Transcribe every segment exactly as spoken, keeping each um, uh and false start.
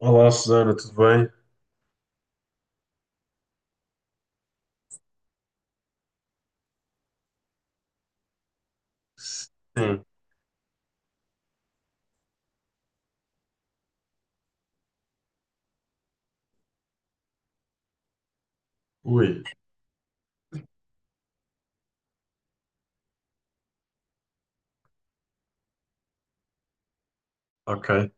Olá, Susana, tudo bem? Sim. Ui, ok,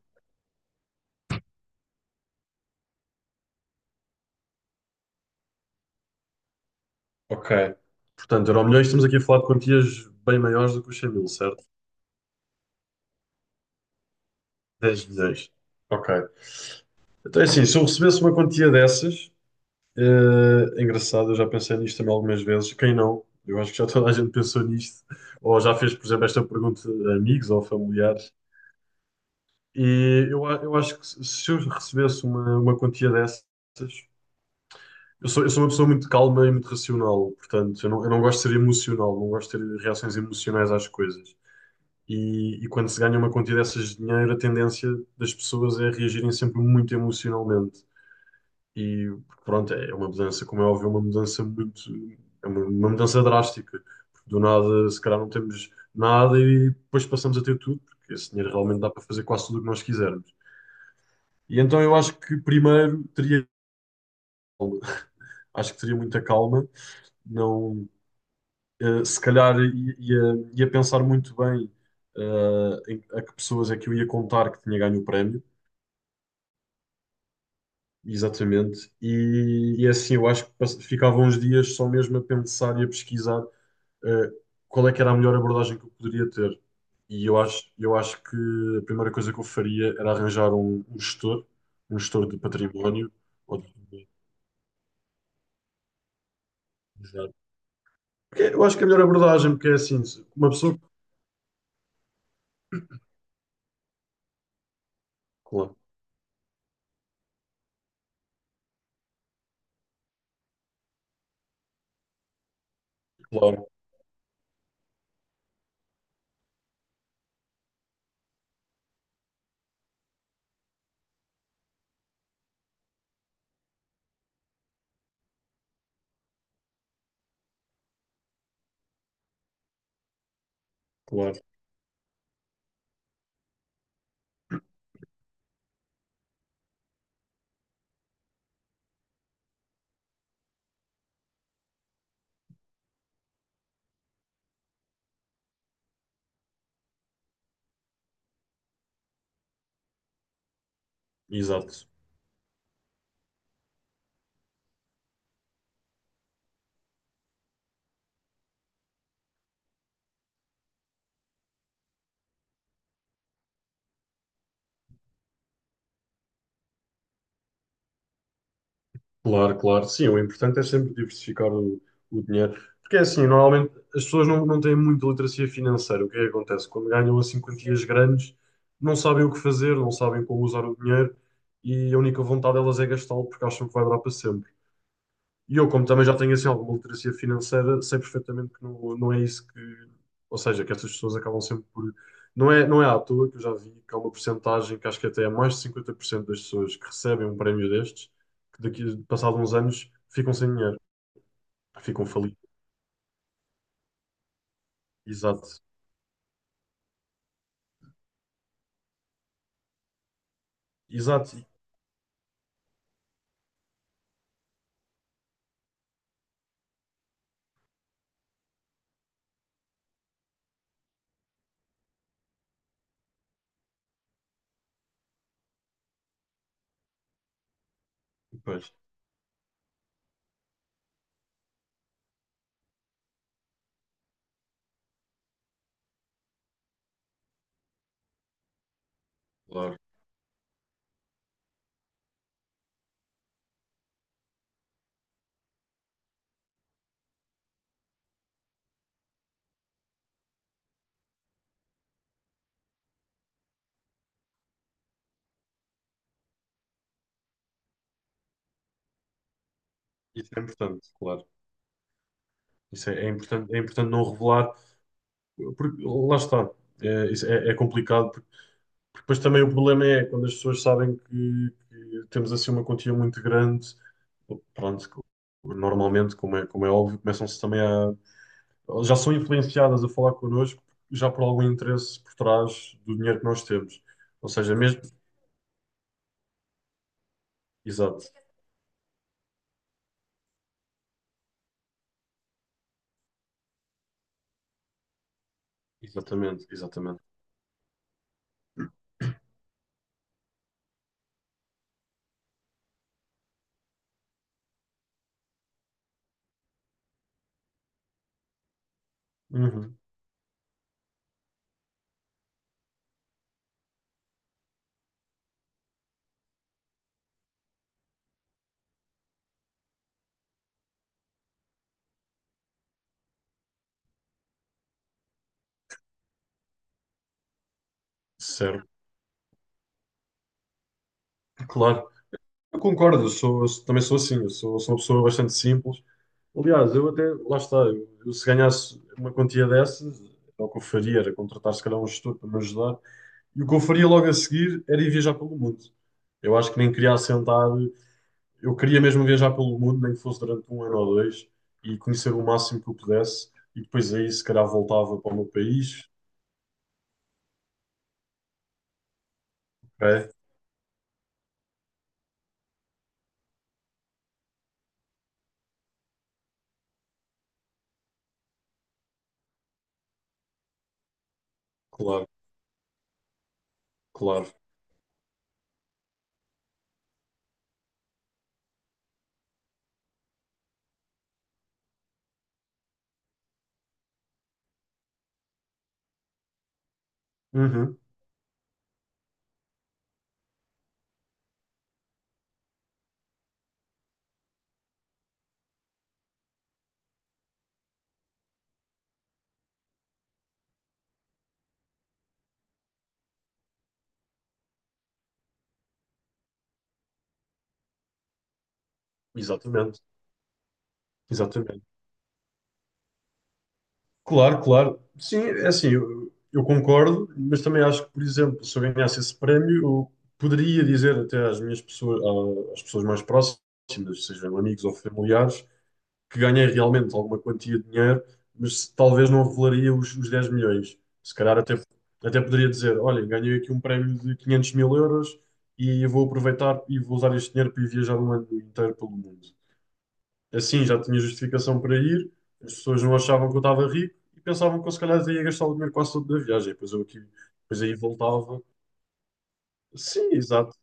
ok. Portanto, Euromilhões, estamos aqui a falar de quantias bem maiores do que os cem mil, certo? Dez milhões. Ok. Então, é assim, se eu recebesse uma quantia dessas, eh, é engraçado, eu já pensei nisto também algumas vezes. Quem não? Eu acho que já toda a gente pensou nisto, ou já fez, por exemplo, esta pergunta a amigos ou familiares. E eu, a- eu acho que se se eu recebesse uma, uma quantia dessas. Eu sou, eu sou uma pessoa muito calma e muito racional, portanto, eu não, eu não gosto de ser emocional, não gosto de ter reações emocionais às coisas. E, e quando se ganha uma quantia dessas de dinheiro, a tendência das pessoas é reagirem sempre muito emocionalmente. E pronto, é uma mudança, como é óbvio, é uma mudança muito. É uma, uma mudança drástica. Do nada, se calhar, não temos nada e depois passamos a ter tudo, porque esse dinheiro realmente dá para fazer quase tudo o que nós quisermos. E então eu acho que primeiro teria calma. Acho que teria muita calma, não, eh, se calhar i- ia, ia pensar muito bem, eh, em- a que pessoas é que eu ia contar que tinha ganho o prémio, exatamente, e, e é assim eu acho que pass- ficava uns dias só mesmo a pensar e a pesquisar, eh, qual é que era a melhor abordagem que eu poderia ter. E eu acho, eu acho que a primeira coisa que eu faria era arranjar um, um gestor, um gestor de património. ou de- Exato. Porque eu acho que é a melhor abordagem, porque é assim, se uma pessoa. Claro, claro, claro. Exato. Claro, claro. Sim, o importante é sempre diversificar o, o dinheiro. Porque é assim, normalmente as pessoas não, não têm muita literacia financeira. O que é que acontece? Quando ganham assim quantias grandes, não sabem o que fazer, não sabem como usar o dinheiro e a única vontade delas é gastá-lo porque acham que vai durar para sempre. E eu, como também já tenho assim alguma literacia financeira, sei perfeitamente que não, não é isso que. Ou seja, que estas pessoas acabam sempre por. Não é, não é à toa que eu já vi que há uma porcentagem que acho que até é mais de cinquenta por cento das pessoas que recebem um prémio destes, que daqui, passado uns anos, ficam sem dinheiro, ficam falidos. Exato. Exato. E, pois, claro. Isso é importante, claro. Isso é, é importante, é importante não revelar, porque lá está. É, isso é é complicado. Porque depois também o problema é quando as pessoas sabem que, que temos assim uma quantia muito grande, pronto, normalmente, como é, como é óbvio, começam-se também a. Já são influenciadas a falar connosco já por algum interesse por trás do dinheiro que nós temos. Ou seja, mesmo. Exato, exatamente, exatamente. Uhum, certo, claro. Eu concordo, eu sou, eu também sou assim, eu sou, sou uma pessoa bastante simples. Aliás, eu até, lá está, eu, eu se ganhasse uma quantia dessas, era o que eu faria, era contratar se calhar um gestor para me ajudar. E o que eu faria logo a seguir era ir viajar pelo mundo. Eu acho que nem queria assentar, eu queria mesmo viajar pelo mundo, nem que fosse durante um ano ou dois, e conhecer o máximo que eu pudesse, e depois aí se calhar voltava para o meu país. É, claro, claro. Uhum, exatamente, exatamente. Claro, claro. Sim, é assim, eu, eu concordo, mas também acho que, por exemplo, se eu ganhasse esse prémio, eu poderia dizer até às minhas pessoas, às pessoas mais próximas, sejam amigos ou familiares, que ganhei realmente alguma quantia de dinheiro, mas talvez não revelaria os, os dez milhões. Se calhar até, até poderia dizer: olha, ganhei aqui um prémio de quinhentos mil euros e eu vou aproveitar e vou usar este dinheiro para ir viajar um ano inteiro pelo mundo. Assim já tinha justificação para ir, as pessoas não achavam que eu estava rico e pensavam que eu se calhar ia gastar o dinheiro quase todo da viagem. Depois eu aqui, depois aí voltava. Sim, exato.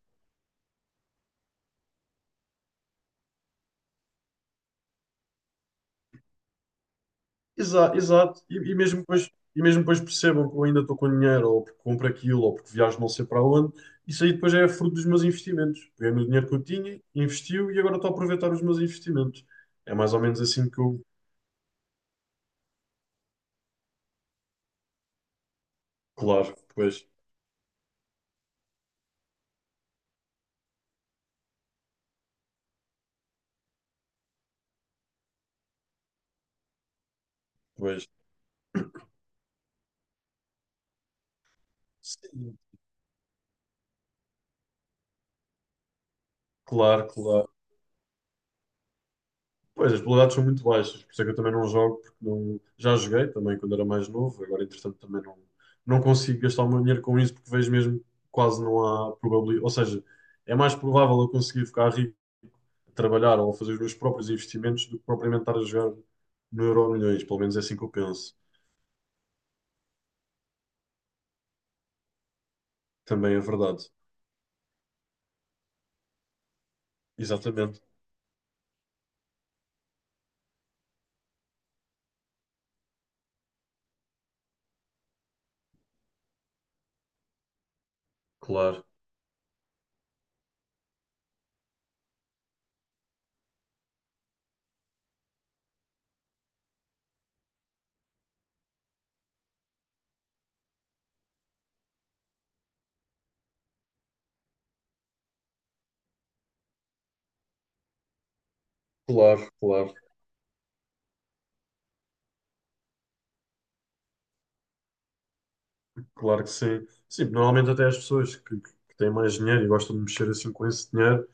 Exa- exato. E, e mesmo depois, e mesmo depois percebam que eu ainda estou com dinheiro, ou porque compro aquilo, ou porque viajo não sei para onde, isso aí depois é fruto dos meus investimentos. Peguei no dinheiro que eu tinha, investiu e agora estou a aproveitar os meus investimentos. É mais ou menos assim que eu. Claro, pois, pois. Sim, claro, claro. Pois, as probabilidades são muito baixas, por isso é que eu também não jogo, porque não, já joguei também quando era mais novo, agora entretanto também não, não consigo gastar o meu dinheiro com isso, porque vejo mesmo que quase não há probabilidade, ou seja, é mais provável eu conseguir ficar rico a trabalhar ou a fazer os meus próprios investimentos do que propriamente estar a jogar no Euro Milhões, pelo menos é assim que eu penso, também é verdade. Exatamente, claro, claro, claro, claro que sim. Sim, normalmente até as pessoas que, que têm mais dinheiro e gostam de mexer assim com esse dinheiro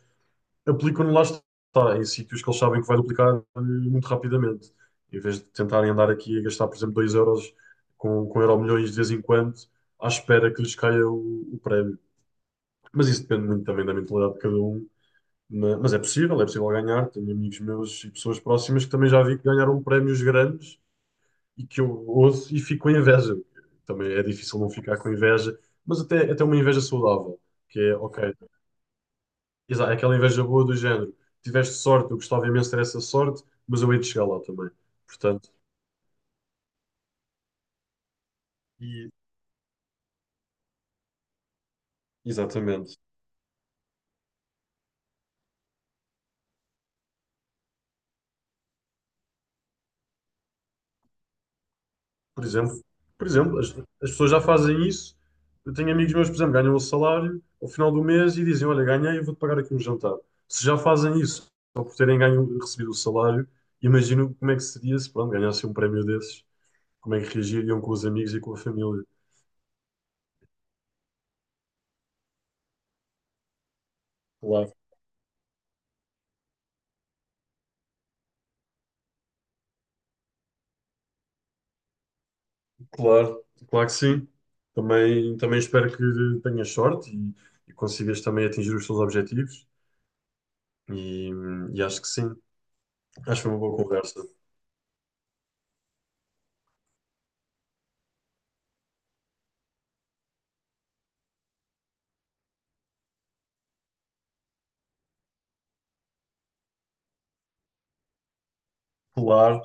aplicam lá está, em sítios que eles sabem que vai duplicar, eh, muito rapidamente. Em vez de tentarem andar aqui a gastar, por exemplo, dois euros com, com euro milhões de vez em quando, à espera que lhes caia o, o prémio. Mas isso depende muito também da mentalidade de cada um. Ma- Mas, é possível, é possível ganhar. Tenho amigos meus e pessoas próximas que também já vi que ganharam prémios grandes e que eu ouço e fico com inveja. Também é difícil não ficar com inveja, mas até, até uma inveja saudável, que é, ok. Exato, aquela inveja boa do género. Tiveste sorte, eu gostava imenso de ter essa sorte, mas eu hei de chegar lá também. Portanto, e- exatamente. Por exemplo, por exemplo, as, as pessoas já fazem isso. Eu tenho amigos meus, por exemplo, ganham o salário ao final do mês e dizem: olha, ganhei, eu vou-te pagar aqui um jantar. Se já fazem isso, só por terem ganho, recebido o salário, imagino como é que seria se, pronto, ganhassem um prémio desses, como é que reagiriam com os amigos e com a família. Claro, claro que sim. Também, também espero que tenhas sorte e, e consigas também atingir os teus objetivos. E, e acho que sim. Acho que foi uma boa conversa. Claro,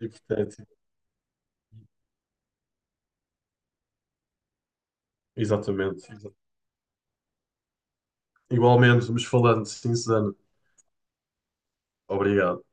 hipotético. Exatamente. Igualmente, vamos falando. Sim, Susana. Obrigado.